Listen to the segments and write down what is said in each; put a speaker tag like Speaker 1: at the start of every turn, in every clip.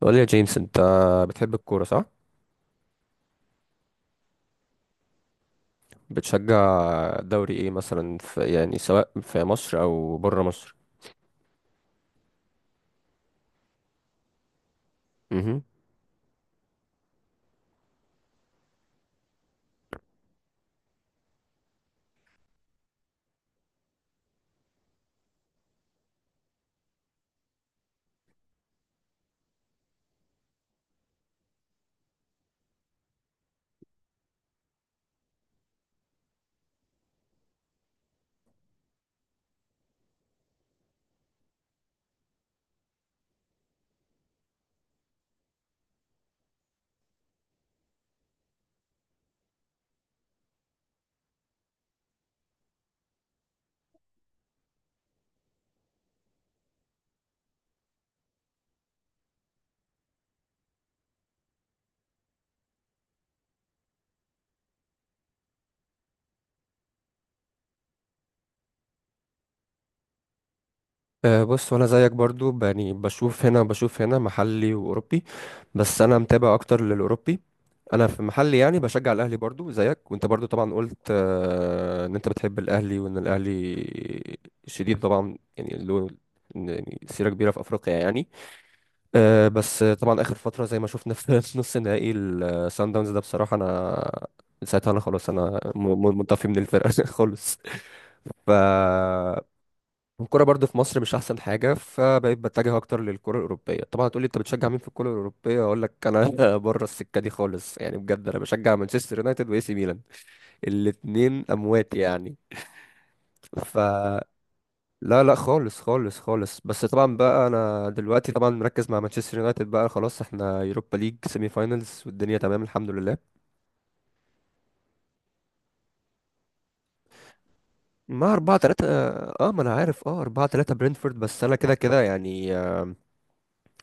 Speaker 1: قول لي يا جيمس، انت بتحب الكورة صح؟ بتشجع دوري ايه مثلا في يعني سواء في مصر او بره مصر؟ امم. أه، بص. وانا زيك برضو يعني بشوف هنا وبشوف هنا محلي واوروبي، بس انا متابع اكتر للاوروبي. انا في محلي يعني بشجع الاهلي برضو زيك، وانت برضو طبعا قلت أه ان انت بتحب الاهلي وان الاهلي شديد طبعا، يعني له يعني سيرة كبيرة في افريقيا يعني. بس طبعا اخر فتره زي ما شفنا في نص نهائي السان داونز ده بصراحه، انا من ساعتها انا خلاص انا منطفي من الفرقه خالص. ف الكوره برضو في مصر مش احسن حاجه، فبقيت بتجه اكتر للكره الاوروبيه. طبعا هتقولي انت بتشجع مين في الكره الاوروبيه، اقول لك انا بره السكه دي خالص يعني. بجد انا بشجع مانشستر يونايتد واي سي ميلان، الاتنين اموات يعني. ف لا لا خالص خالص خالص. بس طبعا بقى انا دلوقتي طبعا مركز مع مانشستر يونايتد، بقى خلاص احنا يوروبا ليج سيمي فاينلز والدنيا تمام الحمد لله. مع 4-3. اه، ما انا عارف. اه 4-3 برينفورد. بس انا كده كده يعني،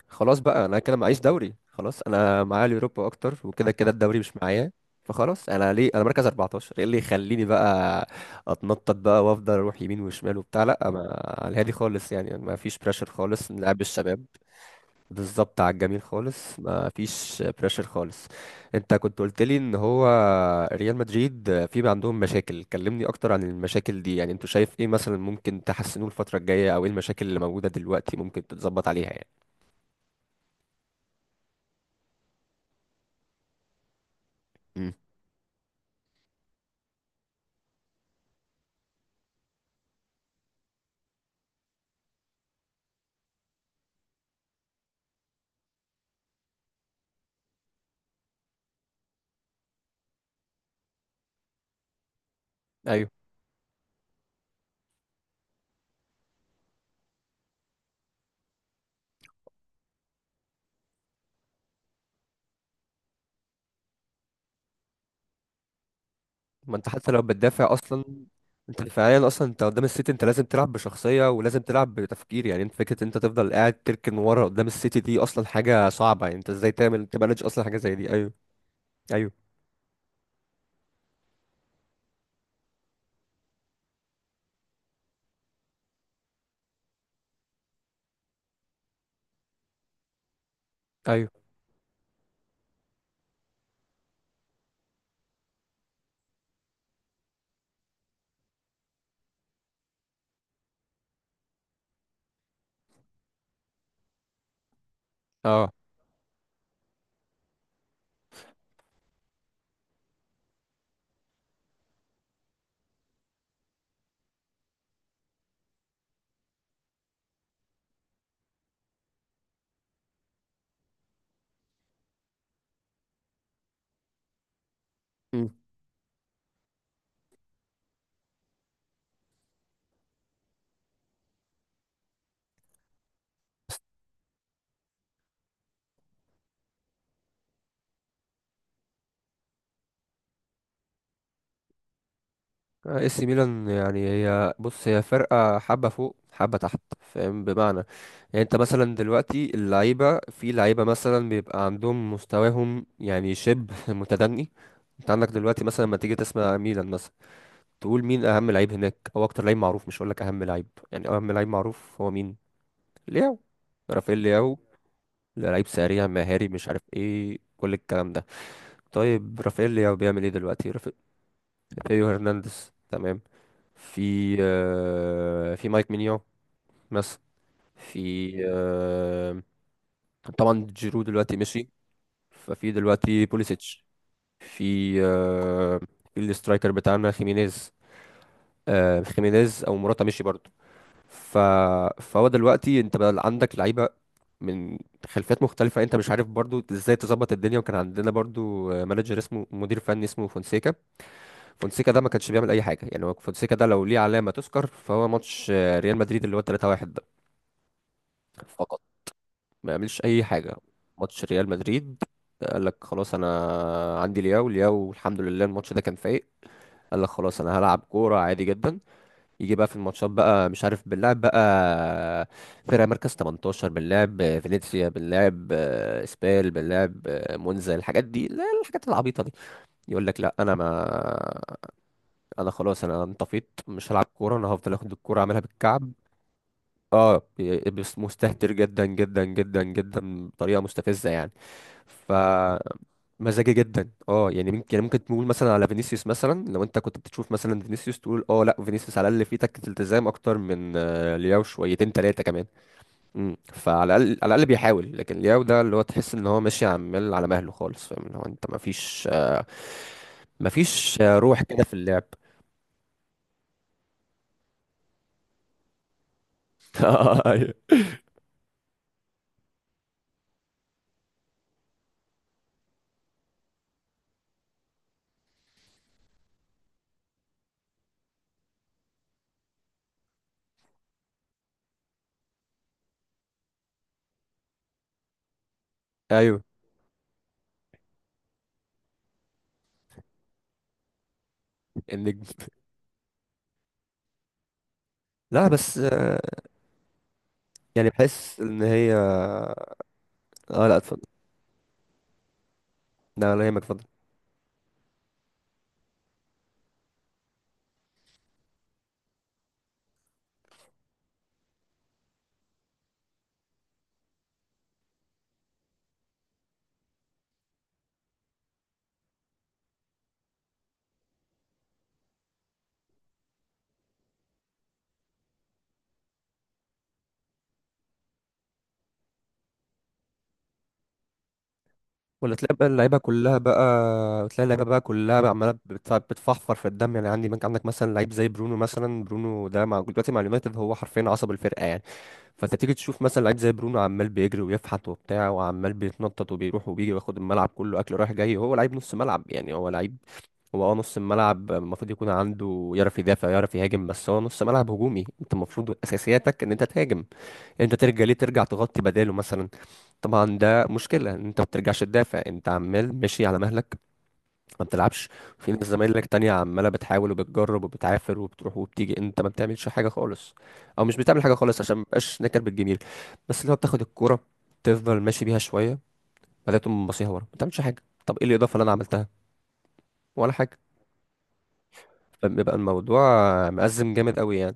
Speaker 1: خلاص بقى انا كده معيش دوري. خلاص انا معايا اليوروبا اكتر، وكده كده الدوري مش معايا. فخلاص انا ليه، انا مركز 14، ايه اللي يخليني بقى اتنطط بقى وافضل اروح يمين وشمال وبتاع؟ لا، ما على الهادي خالص يعني، ما فيش بريشر خالص، نلعب الشباب بالظبط على الجميل خالص، ما فيش بريشر خالص. انت كنت قلت لي ان هو ريال مدريد في بقى عندهم مشاكل، كلمني اكتر عن المشاكل دي يعني. انت شايف ايه مثلا ممكن تحسنوه الفترة الجاية، او ايه المشاكل اللي موجودة دلوقتي ممكن تتظبط عليها يعني؟ امم. ايوه. ما انت حتى لو بتدافع اصلا، انت فعليا اصلا انت قدام السيتي انت لازم تلعب بشخصية ولازم تلعب بتفكير، يعني انت فكرة انت تفضل قاعد تركن ورا قدام السيتي دي اصلا حاجة صعبة يعني. انت ازاي تعمل تمانج اصلا حاجة زي دي؟ ايوه. ايوه ايوه. اه. مم. آه، اي سي ميلان يعني هي، بص هي فرقة حبة فوق حبة تحت، فاهم بمعنى يعني. انت مثلا دلوقتي اللعيبة في لعيبة مثلا بيبقى عندهم مستواهم يعني شبه متدني. انت عندك دلوقتي مثلا لما تيجي تسمع ميلان مثلا تقول مين اهم لعيب هناك او اكتر لعيب معروف، مش هقولك اهم لعيب يعني، اهم لعيب معروف هو مين؟ لياو. رافائيل لياو. لعيب سريع مهاري مش عارف ايه كل الكلام ده. طيب رافائيل لياو بيعمل ايه دلوقتي، رافائيل هرنانديز تمام. في مايك مينيو مثلا. في آه، طبعا جيرو دلوقتي مشي. ففي دلوقتي بوليسيتش. في آه، في الاسترايكر بتاعنا خيمينيز. خيمينيز او موراتا مشي برضه. ف... فهو دلوقتي انت بقى عندك لعيبه من خلفيات مختلفه، انت مش عارف برضو ازاي تظبط الدنيا. وكان عندنا برضو مانجر اسمه، مدير فني اسمه فونسيكا. فونسيكا ده ما كانش بيعمل اي حاجه يعني، هو فونسيكا ده لو ليه علامه تذكر فهو ماتش ريال مدريد اللي هو 3-1 فقط، ما يعملش اي حاجه. ماتش ريال مدريد، قال لك خلاص انا عندي لياو، لياو الحمد لله الماتش ده كان فايق، قال لك خلاص انا هلعب كوره عادي جدا. يجي بقى في الماتشات بقى مش عارف، بنلعب بقى فرق مركز 18، بنلعب فينيسيا، بنلعب اسبال، بنلعب مونزا، الحاجات دي، لا، الحاجات العبيطه دي يقول لك لا انا ما انا خلاص انا انطفيت مش هلعب كوره، انا هفضل اخد الكوره اعملها بالكعب. اه، بس مستهتر جدا جدا جدا جدا بطريقه مستفزه يعني. ف مزاجي جدا، اه يعني ممكن تقول مثلا على فينيسيوس مثلا، لو انت كنت بتشوف مثلا فينيسيوس تقول اه لا، فينيسيوس على الاقل فيه تكة التزام اكتر من لياو شويتين ثلاثه كمان. امم، فعلى الاقل، على الاقل بيحاول. لكن لياو ده اللي هو تحس ان هو ماشي عمال على مهله خالص، فاهم، اللي هو انت ما فيش، ما فيش روح كده في اللعب. ايوه. ايوه. النجم. لا بس، يعني بحس ان هي، اه لا. لا ولا يهمك، اتفضل. ولا تلاقي بقى اللعيبه كلها بقى، تلاقي اللعيبه بقى كلها بقى عماله بتفحفر في الدم يعني. عندك مثلا لعيب زي برونو مثلا، برونو ده مع دلوقتي مع اليونايتد هو حرفيا عصب الفرقه يعني. فانت تيجي تشوف مثلا لعيب زي برونو، عمال بيجري ويفحت وبتاع وعمال بيتنطط وبيروح وبيجي وياخد الملعب كله اكل رايح جاي. هو لعيب نص ملعب يعني، هو لعيب، هو اه نص الملعب المفروض يكون عنده، يعرف يدافع يعرف يهاجم، بس هو نص ملعب هجومي. انت المفروض اساسياتك ان انت تهاجم، انت ترجع ليه؟ ترجع تغطي بداله مثلا. طبعا ده مشكلة ان انت ما بترجعش تدافع، انت عمال ماشي على مهلك، ما بتلعبش. في ناس زمايلك تانية عمالة بتحاول وبتجرب وبتعافر وبتروح وبتيجي، انت ما بتعملش حاجة خالص. او مش بتعمل حاجة خالص عشان مبقاش نكر بالجميل. بس اللي هو بتاخد الكورة، تفضل ماشي بيها شوية، بعدين تقوم باصيها ورا، ما بتعملش حاجة. طب ايه الإضافة اللي انا عملتها؟ ولا حاجة. فبيبقى الموضوع مأزم جامد قوي يعني.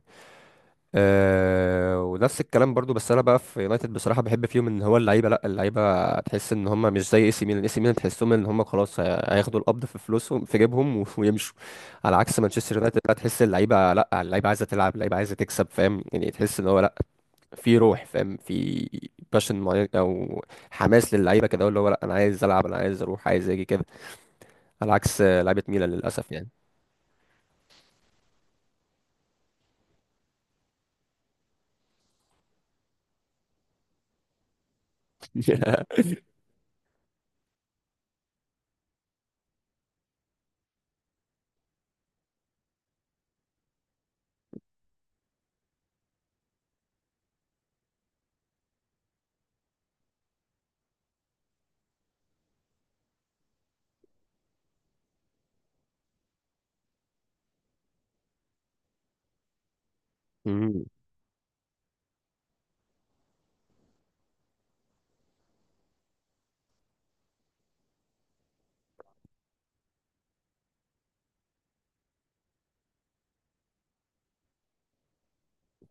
Speaker 1: آه، ونفس الكلام برضو، بس انا بقى في يونايتد بصراحه بحب فيهم ان هو اللعيبه، لا اللعيبه تحس ان هم مش زي اي سي ميلان. اي سي ميلان تحسهم ان هم خلاص هياخدوا القبض في فلوسهم في جيبهم ويمشوا. على عكس مانشستر يونايتد لا، تحس اللعيبه، لا اللعيبه عايزه تلعب، اللعيبه عايزه تكسب، فاهم يعني. تحس ان هو لا، في روح، فاهم، في باشن معين، او حماس للعيبه كده اللي هو لا انا عايز العب، انا عايز اروح، عايز اجي كده. على عكس لعيبه ميلان، للاسف يعني. مم،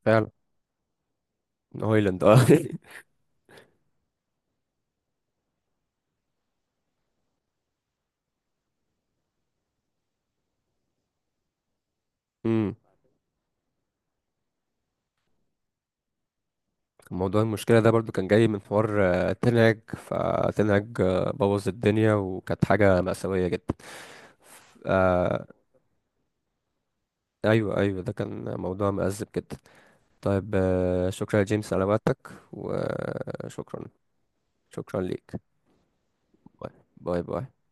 Speaker 1: فعلا. هويلاند اه. مم. موضوع المشكلة ده برضو كان جاي من حوار تنهج فتنهج بوظ الدنيا، وكانت حاجة مأساوية جدا. ف- آه، أيوة أيوة ده كان موضوع مأزم جدا. طيب، شكرا يا جيمس على وقتك، وشكرا. شكرا ليك. باي باي باي.